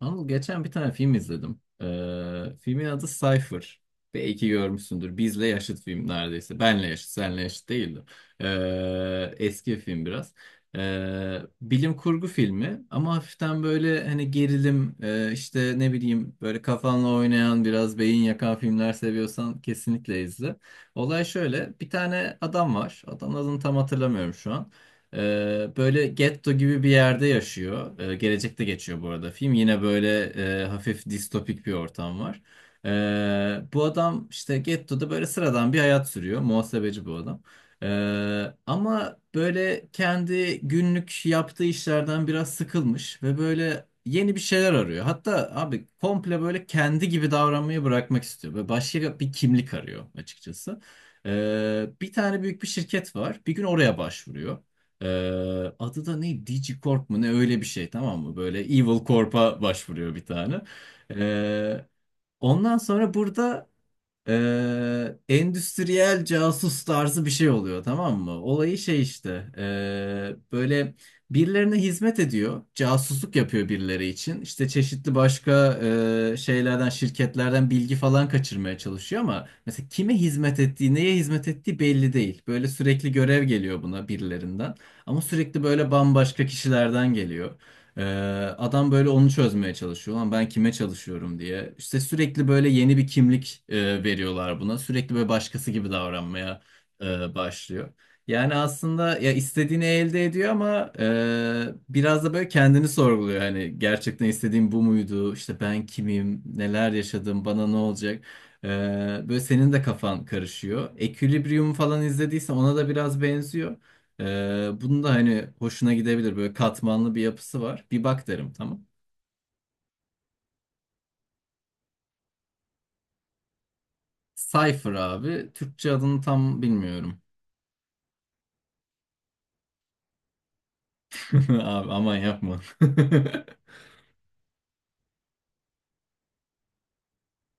Anıl geçen bir tane film izledim. Filmin adı Cypher. Belki görmüşsündür. Bizle yaşıt film neredeyse. Benle yaşıt, senle yaşıt değildi. Eski bir film biraz. Bilim kurgu filmi ama hafiften böyle hani gerilim işte ne bileyim böyle kafanla oynayan biraz beyin yakan filmler seviyorsan kesinlikle izle. Olay şöyle, bir tane adam var. Adamın adını tam hatırlamıyorum şu an. Böyle getto gibi bir yerde yaşıyor. Gelecekte geçiyor bu arada film. Yine böyle hafif distopik bir ortam var. Bu adam işte gettoda böyle sıradan bir hayat sürüyor. Muhasebeci bu adam. Ama böyle kendi günlük yaptığı işlerden biraz sıkılmış ve böyle yeni bir şeyler arıyor. Hatta abi komple böyle kendi gibi davranmayı bırakmak istiyor ve başka bir kimlik arıyor açıkçası. Bir tane büyük bir şirket var. Bir gün oraya başvuruyor. Ee, Adı da ne? DigiCorp mu ne, öyle bir şey, tamam mı? Böyle Evil Corp'a başvuruyor bir tane. Ee, Ondan sonra burada endüstriyel casus tarzı bir şey oluyor, tamam mı? Olayı şey işte böyle birilerine hizmet ediyor. Casusluk yapıyor birileri için. İşte çeşitli başka şeylerden, şirketlerden bilgi falan kaçırmaya çalışıyor ama mesela kime hizmet ettiği, neye hizmet ettiği belli değil. Böyle sürekli görev geliyor buna birilerinden ama sürekli böyle bambaşka kişilerden geliyor. Ee, Adam böyle onu çözmeye çalışıyor. Lan ben kime çalışıyorum diye. İşte sürekli böyle yeni bir kimlik veriyorlar buna. Sürekli böyle başkası gibi davranmaya başlıyor. Yani aslında ya istediğini elde ediyor ama biraz da böyle kendini sorguluyor. Hani gerçekten istediğim bu muydu? İşte ben kimim? Neler yaşadım? Bana ne olacak? Ee, Böyle senin de kafan karışıyor. Equilibrium falan izlediysen ona da biraz benziyor. Bunun da hani hoşuna gidebilir. Böyle katmanlı bir yapısı var. Bir bak derim, tamam. Cypher abi. Türkçe adını tam bilmiyorum. Abi aman yapma.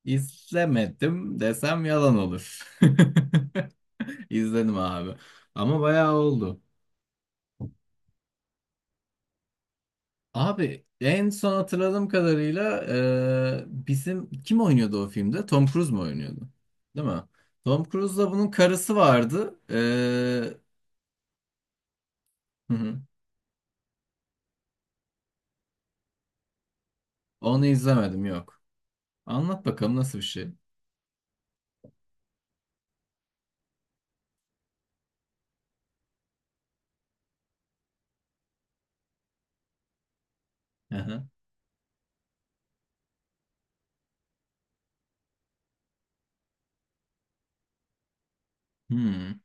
İzlemedim desem yalan olur. İzledim abi. Ama bayağı oldu. Abi en son hatırladığım kadarıyla bizim kim oynuyordu o filmde? Tom Cruise mu oynuyordu? Değil mi? Tom Cruise'la bunun karısı vardı. E, hı hı. Onu izlemedim, yok. Anlat bakalım, nasıl bir şey? Aha. Hmm.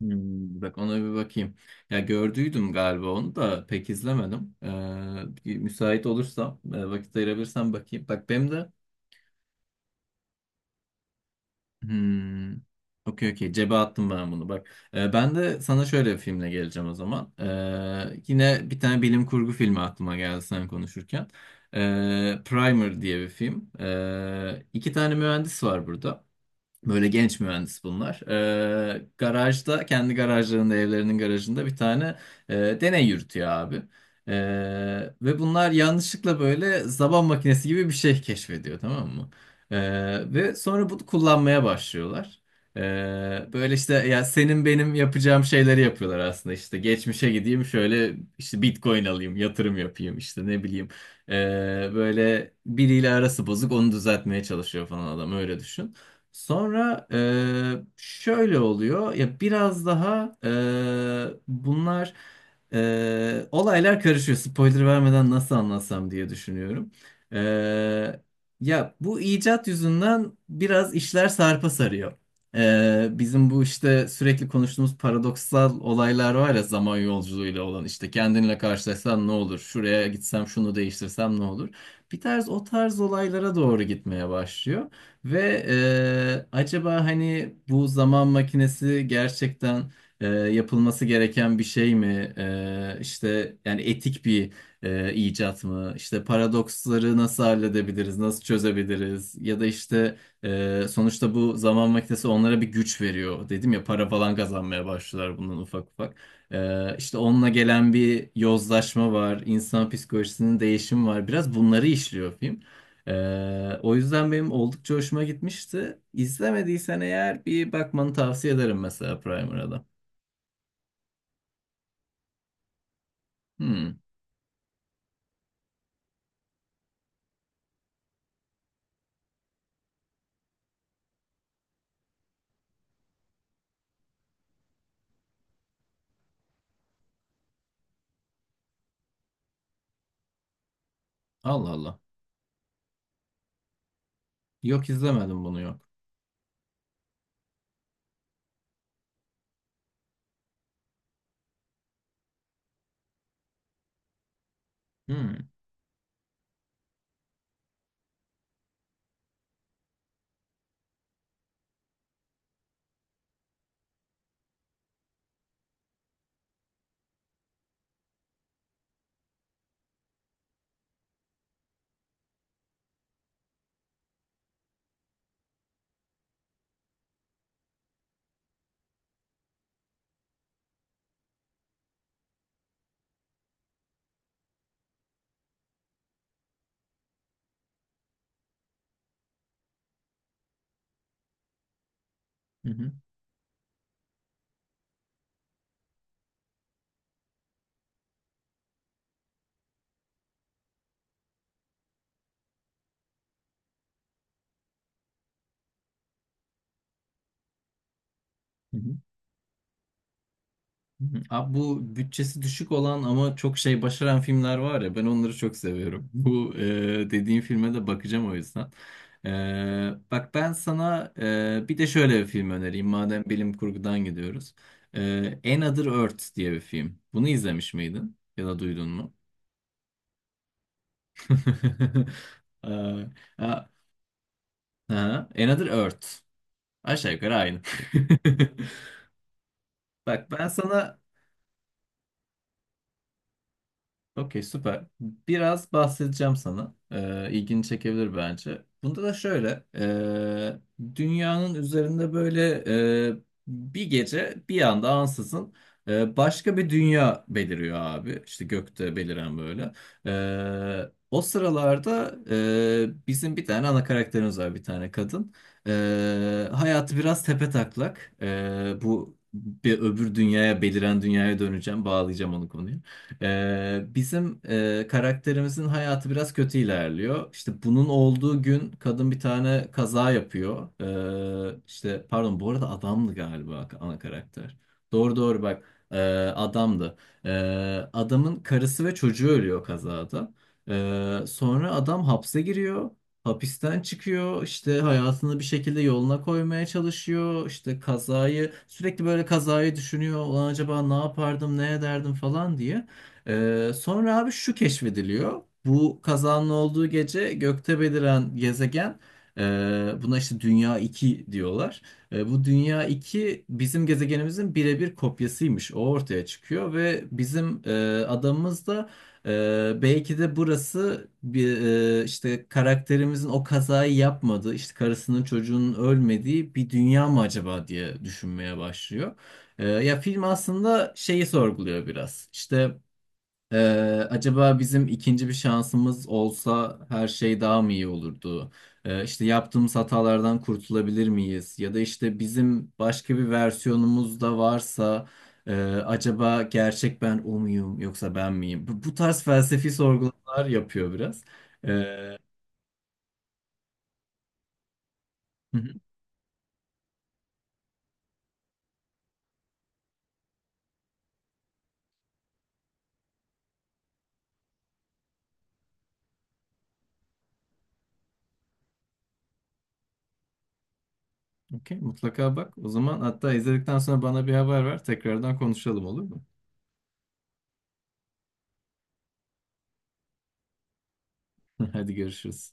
Hmm. Bak ona bir bakayım. Ya gördüydüm galiba, onu da pek izlemedim. Bir müsait olursam, e, vakit ayırabilirsem bakayım. Bak benim de hmm. Okey okey, cebe attım ben bunu bak. Ben de sana şöyle bir filmle geleceğim o zaman. Yine bir tane bilim kurgu filmi aklıma geldi sen konuşurken. Primer diye bir film. İki tane mühendis var burada. Böyle genç mühendis bunlar. Garajda, kendi garajlarında, evlerinin garajında bir tane deney yürütüyor abi. Ee, Ve bunlar yanlışlıkla böyle zaman makinesi gibi bir şey keşfediyor, tamam mı? Ve sonra bunu kullanmaya başlıyorlar. Böyle işte ya senin benim yapacağım şeyleri yapıyorlar aslında, işte geçmişe gideyim, şöyle işte Bitcoin alayım, yatırım yapayım işte, ne bileyim. Böyle biriyle arası bozuk, onu düzeltmeye çalışıyor falan adam, öyle düşün. Sonra şöyle oluyor ya, biraz daha bunlar olaylar karışıyor. Spoiler vermeden nasıl anlatsam diye düşünüyorum. Eee, Ya bu icat yüzünden biraz işler sarpa sarıyor. Bizim bu işte sürekli konuştuğumuz paradoksal olaylar var ya zaman yolculuğuyla olan, işte kendinle karşılaşsan ne olur? Şuraya gitsem şunu değiştirsem ne olur? Bir tarz, o tarz olaylara doğru gitmeye başlıyor. Ve acaba hani bu zaman makinesi gerçekten yapılması gereken bir şey mi? E, işte yani etik bir icat mı? İşte paradoksları nasıl halledebiliriz, nasıl çözebiliriz? Ya da işte sonuçta bu zaman makinesi onlara bir güç veriyor. Dedim ya, para falan kazanmaya başlıyorlar bundan ufak ufak. E, işte onunla gelen bir yozlaşma var, insan psikolojisinin değişimi var. Biraz bunları işliyor film. O yüzden benim oldukça hoşuma gitmişti. İzlemediysen eğer bir bakmanı tavsiye ederim mesela Primer'a da. Hmm. Allah Allah. Yok izlemedim bunu, yok. Hmm. Hı hı. Hı hı. Hı hı. Abi bu bütçesi düşük olan ama çok şey başaran filmler var ya, ben onları çok seviyorum. Bu dediğin filme de bakacağım o yüzden. Bak ben sana bir de şöyle bir film önereyim madem bilim kurgudan gidiyoruz. Another Earth diye bir film. Bunu izlemiş miydin ya da duydun mu? Aa. Aa, aha, Another Earth. Aşağı yukarı aynı. Bak ben sana okey süper. Biraz bahsedeceğim sana. İlgini çekebilir bence. Bunda da şöyle. Dünyanın üzerinde böyle ee, bir gece bir anda ansızın başka bir dünya beliriyor abi. İşte gökte beliren böyle. O sıralarda bizim bir tane ana karakterimiz var, bir tane kadın. Hayatı biraz tepetaklak. Bu bir öbür dünyaya, beliren dünyaya döneceğim. Bağlayacağım onu konuya. Bizim karakterimizin hayatı biraz kötü ilerliyor. İşte bunun olduğu gün kadın bir tane kaza yapıyor. İşte pardon, bu arada adamdı galiba ana karakter. Doğru doğru bak, ee, adamdı. Ee, Adamın karısı ve çocuğu ölüyor kazada. Sonra adam hapse giriyor. Hapisten çıkıyor, işte hayatını bir şekilde yoluna koymaya çalışıyor, işte kazayı sürekli böyle kazayı düşünüyor, ulan acaba ne yapardım, ne ederdim falan diye. Sonra abi şu keşfediliyor. Bu kazanın olduğu gece gökte beliren gezegen, e, buna işte Dünya 2 diyorlar. E, bu Dünya 2 bizim gezegenimizin birebir kopyasıymış. O ortaya çıkıyor ve bizim adamımız da belki de burası bir, işte karakterimizin o kazayı yapmadığı, işte karısının çocuğunun ölmediği bir dünya mı acaba diye düşünmeye başlıyor. E, ya film aslında şeyi sorguluyor biraz. İşte ee, acaba bizim ikinci bir şansımız olsa her şey daha mı iyi olurdu? İşte yaptığımız hatalardan kurtulabilir miyiz? Ya da işte bizim başka bir versiyonumuz da varsa, acaba gerçek ben o muyum yoksa ben miyim? Bu, bu tarz felsefi sorgulamalar yapıyor biraz. Ee, hı hı. Okey, mutlaka bak. O zaman hatta izledikten sonra bana bir haber ver. Tekrardan konuşalım, olur mu? Hadi görüşürüz.